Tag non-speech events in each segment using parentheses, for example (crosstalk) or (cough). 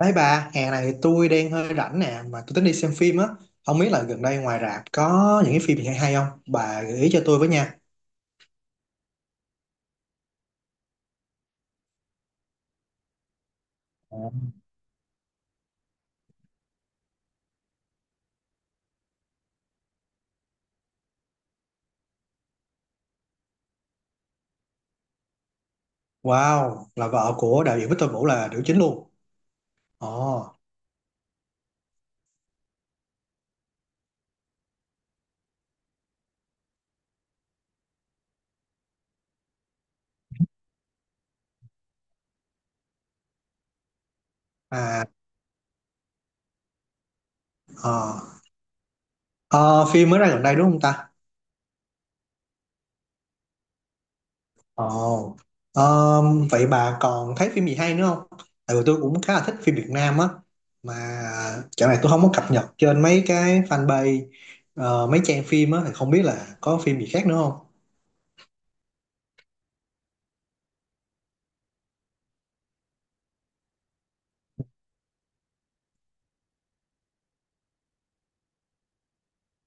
Đấy bà, hè này tôi đang hơi rảnh nè, mà tôi tính đi xem phim á. Không biết là gần đây ngoài rạp có những cái phim gì hay hay không? Bà gợi ý cho tôi với nha. Ờ. Wow, là vợ của đạo diễn Victor Vũ là nữ chính luôn. Ồ, à, ờ. Ờ, phim mới ra gần đây đúng không ta? Ồ, ờ, vậy bà còn thấy phim gì hay nữa không? Tại vì tôi cũng khá là thích phim Việt Nam á. Mà dạo này tôi không có cập nhật trên mấy cái fanpage, mấy trang phim á, thì không biết là có phim gì khác nữa không?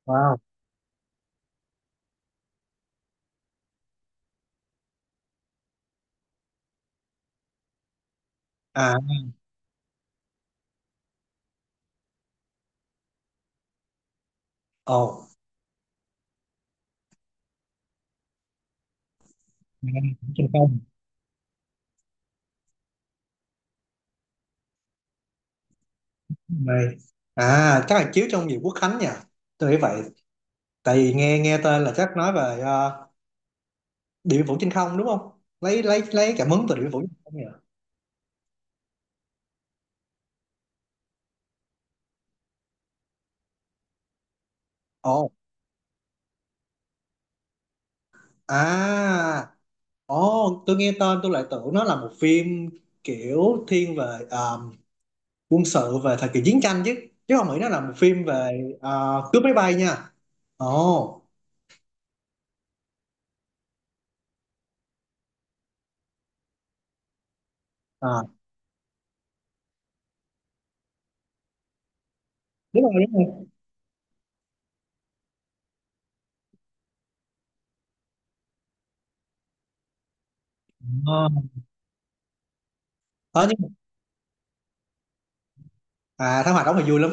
Wow. À. Ồ, trên không này, à chắc là chiếu trong dịp Quốc Khánh nha, tôi nghĩ vậy. Tại vì nghe nghe tên là chắc nói về Điện Biên Phủ trên không đúng không, lấy cảm hứng từ Điện Biên Phủ trên không nhỉ. Ồ, à, ồ, tôi nghe tên tôi lại tưởng nó là một phim kiểu thiên về quân sự về thời kỳ chiến tranh chứ, chứ không nghĩ nó là một phim về cướp máy bay nha. Ồ. À, đúng rồi, đúng rồi. Ờ. Ờ, nhưng mà- à, Thám hoạt đóng thì vui lắm,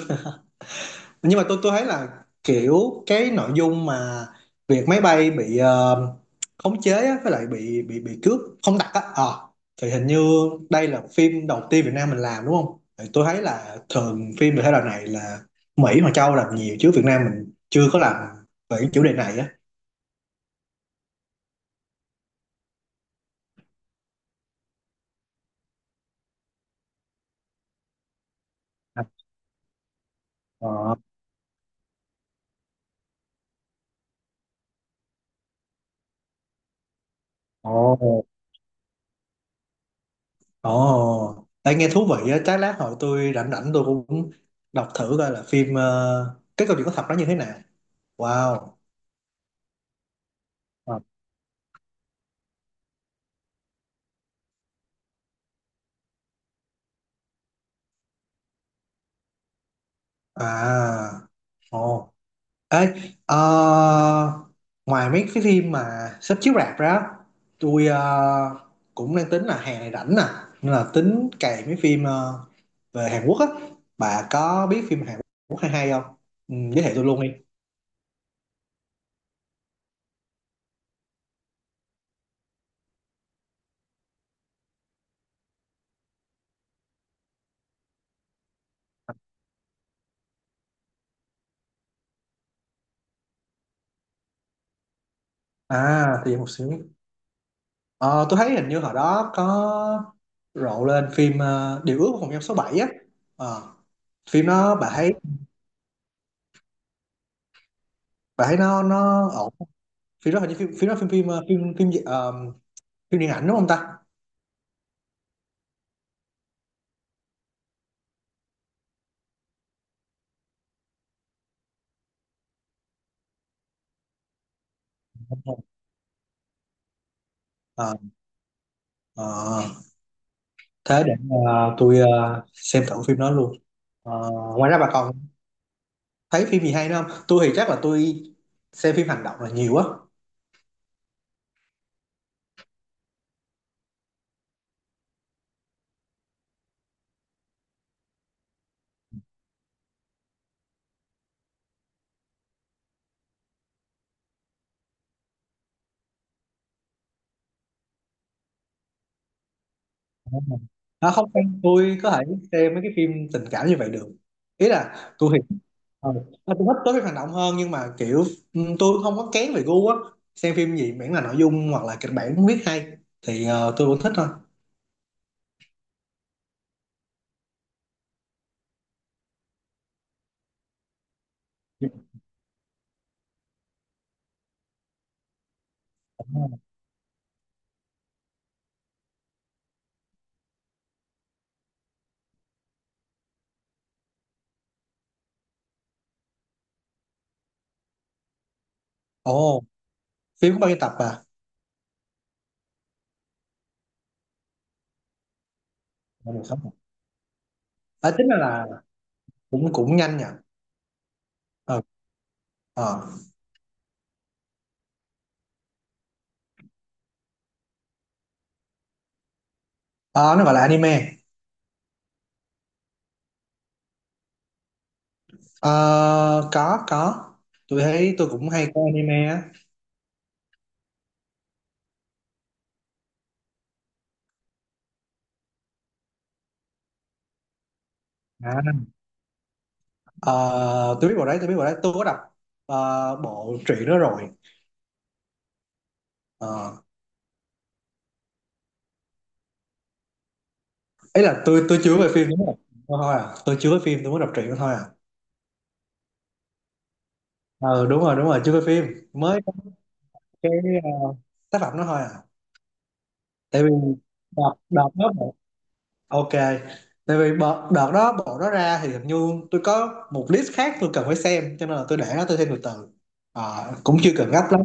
nhưng mà tôi thấy là kiểu cái nội dung mà việc máy bay bị khống chế á, với lại bị cướp không đặt á, thì hình như đây là phim đầu tiên Việt Nam mình làm đúng không. Thì tôi thấy là thường phim về thể loại này là Mỹ hoặc châu làm nhiều, chứ Việt Nam mình chưa có làm về cái chủ đề này á. À, ờ, ồ. Ồ đây nghe thú vị á, chắc lát hồi tôi rảnh rảnh tôi cũng đọc thử coi là phim cái câu chuyện có thật đó như thế nào. Wow. À, ồ, ê, ờ, ngoài mấy cái phim mà sắp chiếu rạp ra, tôi cũng đang tính là hè này rảnh nè, nên là tính cày mấy phim về Hàn Quốc á. Bà có biết phim Hàn Quốc hay hay không, ừ, giới thiệu tôi luôn đi. À thì một xíu. Ờ, tôi thấy hình như hồi đó có rộ lên phim Điều ước của phòng giam số bảy á. Ờ, phim đó bà thấy, bà thấy nó ổn? Phim đó hình như phim phim đó phim phim phim phim gì? Ờ, phim điện ảnh đúng không ta. Đúng rồi. Ờ, ờ, thế để tôi xem thử phim đó luôn. Ờ, ngoài ra bà còn thấy phim gì hay nữa không? Tôi thì chắc là tôi xem phim hành động là nhiều á. Đúng rồi. À, không em- tôi có thể xem mấy cái phim tình cảm như vậy được. Ý là tôi thì ờ, à, tôi thích tối phim hành động hơn, nhưng mà kiểu ừ, tôi không có kén về gu á, xem phim gì miễn là nội dung hoặc là kịch bản viết hay thì tôi vẫn thích thôi. Phim cũng, ồ phim có bao nhiêu tập à, ờ, được sống à. À, tính ra là cũng cũng nhanh nhỉ. Ờ, ờ. Ờ, nó gọi là anime. Ờ, có tôi thấy tôi cũng hay coi anime á. À. Ờ, tôi biết bộ đấy tôi có đọc ờ, bộ truyện đó rồi. Ờ, ấy là tôi chưa về phim đúng không. Ờ, thôi à tôi chưa về phim, tôi muốn đọc truyện đó thôi à. Ờ đúng rồi, đúng rồi, chưa về phim, mới có cái ờ, tác phẩm đó thôi à. Tại vì đọc, đọc nó. Ok, tại vì bộ, đợt đó bộ đó ra thì hình như tôi có một list khác tôi cần phải xem, cho nên là tôi để nó tôi thêm từ từ. Ờ, cũng chưa cần gấp lắm.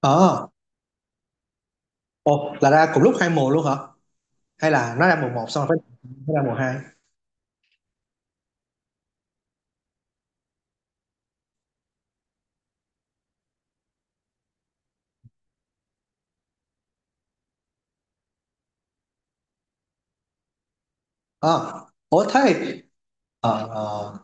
Ờ, ồ là ra cùng lúc hai mùa luôn hả, hay là nó ra mùa một xong rồi phải phải ra mùa hai. Ờ, ủa thế thì, ờ, ờ,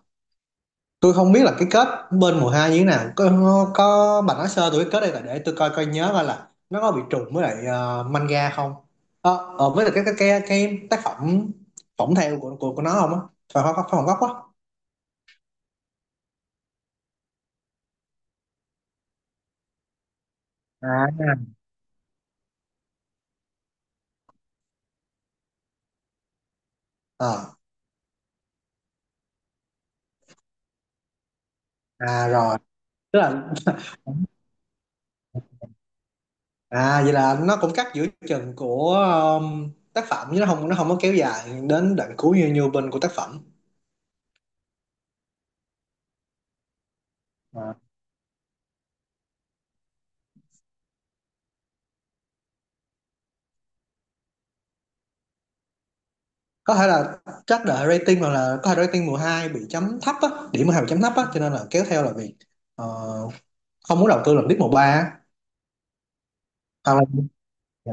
tôi không biết là cái kết bên mùa hai như thế nào. Có bà nói sơ tôi cái kết đây, là để tôi coi coi nhớ coi là nó có bị trùng với lại manga không. Ờ ờ, với lại cái tác phẩm phỏng theo của nó không á, phải không gốc á. À, ờ, à rồi, tức là à vậy là nó cũng cắt giữa chừng của tác phẩm, chứ nó không có kéo dài đến đoạn cuối như như bên của tác phẩm. Có thể là chắc đợi rating, hoặc là có thể rating mùa 2 bị chấm thấp á, điểm mùa 2 bị chấm thấp á, cho nên là kéo theo là việc ờ, không muốn đầu tư lần tiếp mùa ba á, hoặc là dạ,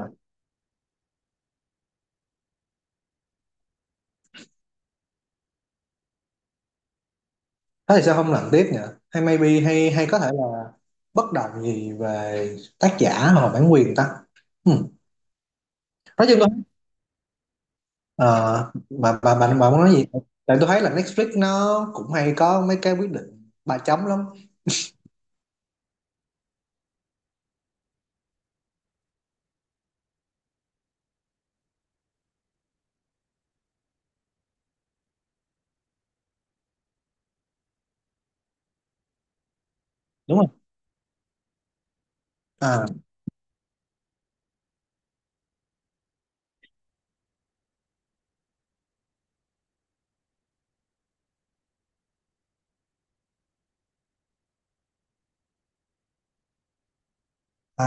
thế thì sao không làm tiếp nhỉ, hay maybe hay hay có thể là bất đồng gì về tác giả hoặc là bản quyền ta. Ừ. Nói chung là ờ, bà muốn nói gì, tại tôi thấy là Netflix nó cũng hay có mấy cái quyết định ba chấm lắm, đúng không. À,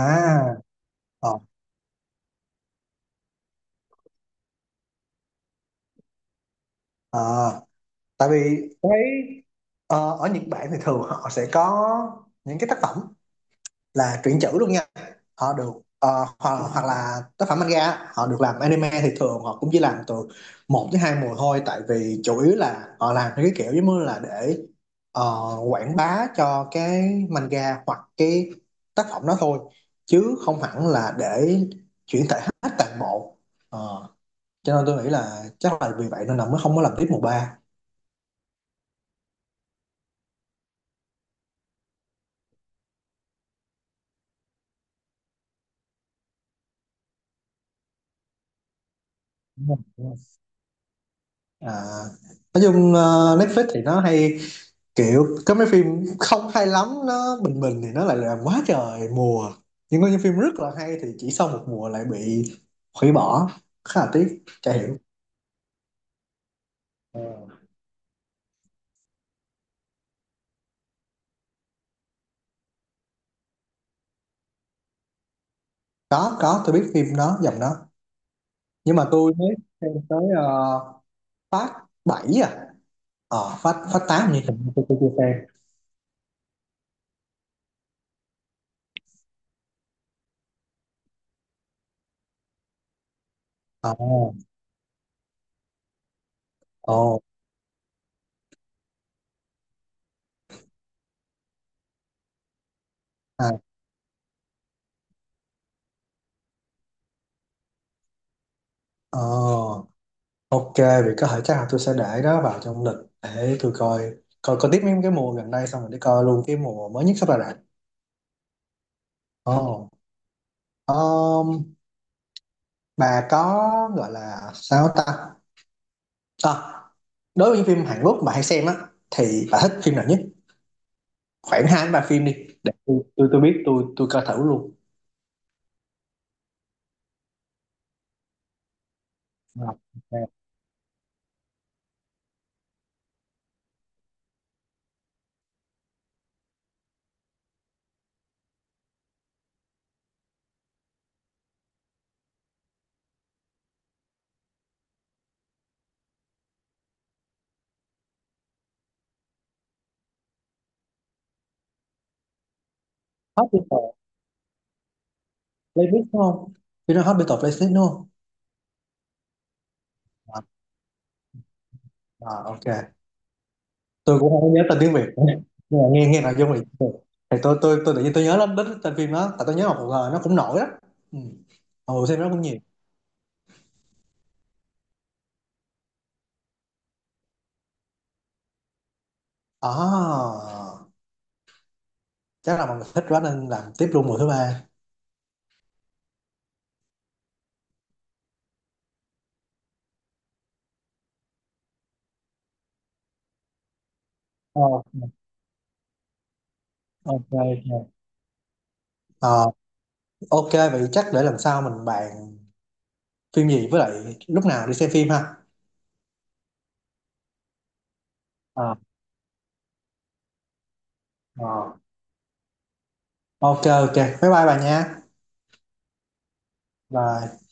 à, ờ, ờ. Tại vì tôi thấy, ờ, ở Nhật Bản thì thường họ sẽ có những cái tác phẩm là truyện chữ luôn nha, họ được ờ, hoặc là tác phẩm manga họ được làm anime, thì thường họ cũng chỉ làm từ một tới hai mùa thôi, tại vì chủ yếu là họ làm theo cái kiểu giống như là để ờ, quảng bá cho cái manga hoặc cái tác phẩm đó thôi, chứ không hẳn là để chuyển thể hết toàn bộ. Ờ, cho nên tôi nghĩ là chắc là vì vậy nên là mới không có làm tiếp mùa ba. Đúng rồi. À, nói chung ờ, Netflix thì nó hay kiểu có mấy phim không hay lắm nó bình bình thì nó lại làm quá trời mùa, nhưng có những phim rất là hay thì chỉ sau một mùa lại bị hủy bỏ, khá là tiếc chả hiểu. Ờ. Có tôi biết phim đó dòng đó, nhưng mà tôi mới xem tới phát 7 à. Ờ, phát phát 8 như tôi chưa xem. Ờ, ồ, à, ờ. Ok, vậy có thể chắc là tôi sẽ để đó vào trong lịch để tôi coi, coi coi tiếp mấy cái mùa gần đây xong rồi để coi luôn cái mùa mới nhất sắp ra rạp. Ồ, um, bà có gọi là sao ta? À, đối với những phim Hàn Quốc mà hay xem á thì bà thích phim nào nhất? Khoảng hai đến ba phim đi, để tôi biết tôi coi thử luôn. À, ok. Hot People Playlist đúng không? Phim đó Hot People Playlist đúng không? À, à, ok. Tôi cũng không nhớ tên tiếng Việt (laughs) nữa, nhưng mà nghe nghe nội dung thì tôi tự nhiên tôi nhớ lắm đến tên phim đó, tại tôi nhớ một hồi nó cũng nổi đó. Ừ. Mà mùa xem nó cũng nhiều. À, chắc là mọi người thích quá nên làm tiếp luôn mùa thứ ba. Ờ, ok ok. Ờ, ok vậy chắc để lần sau mình bàn phim gì với lại lúc nào đi xem phim ha. Ờ, ờ. Ok ok, bye bye bà nha. Bye.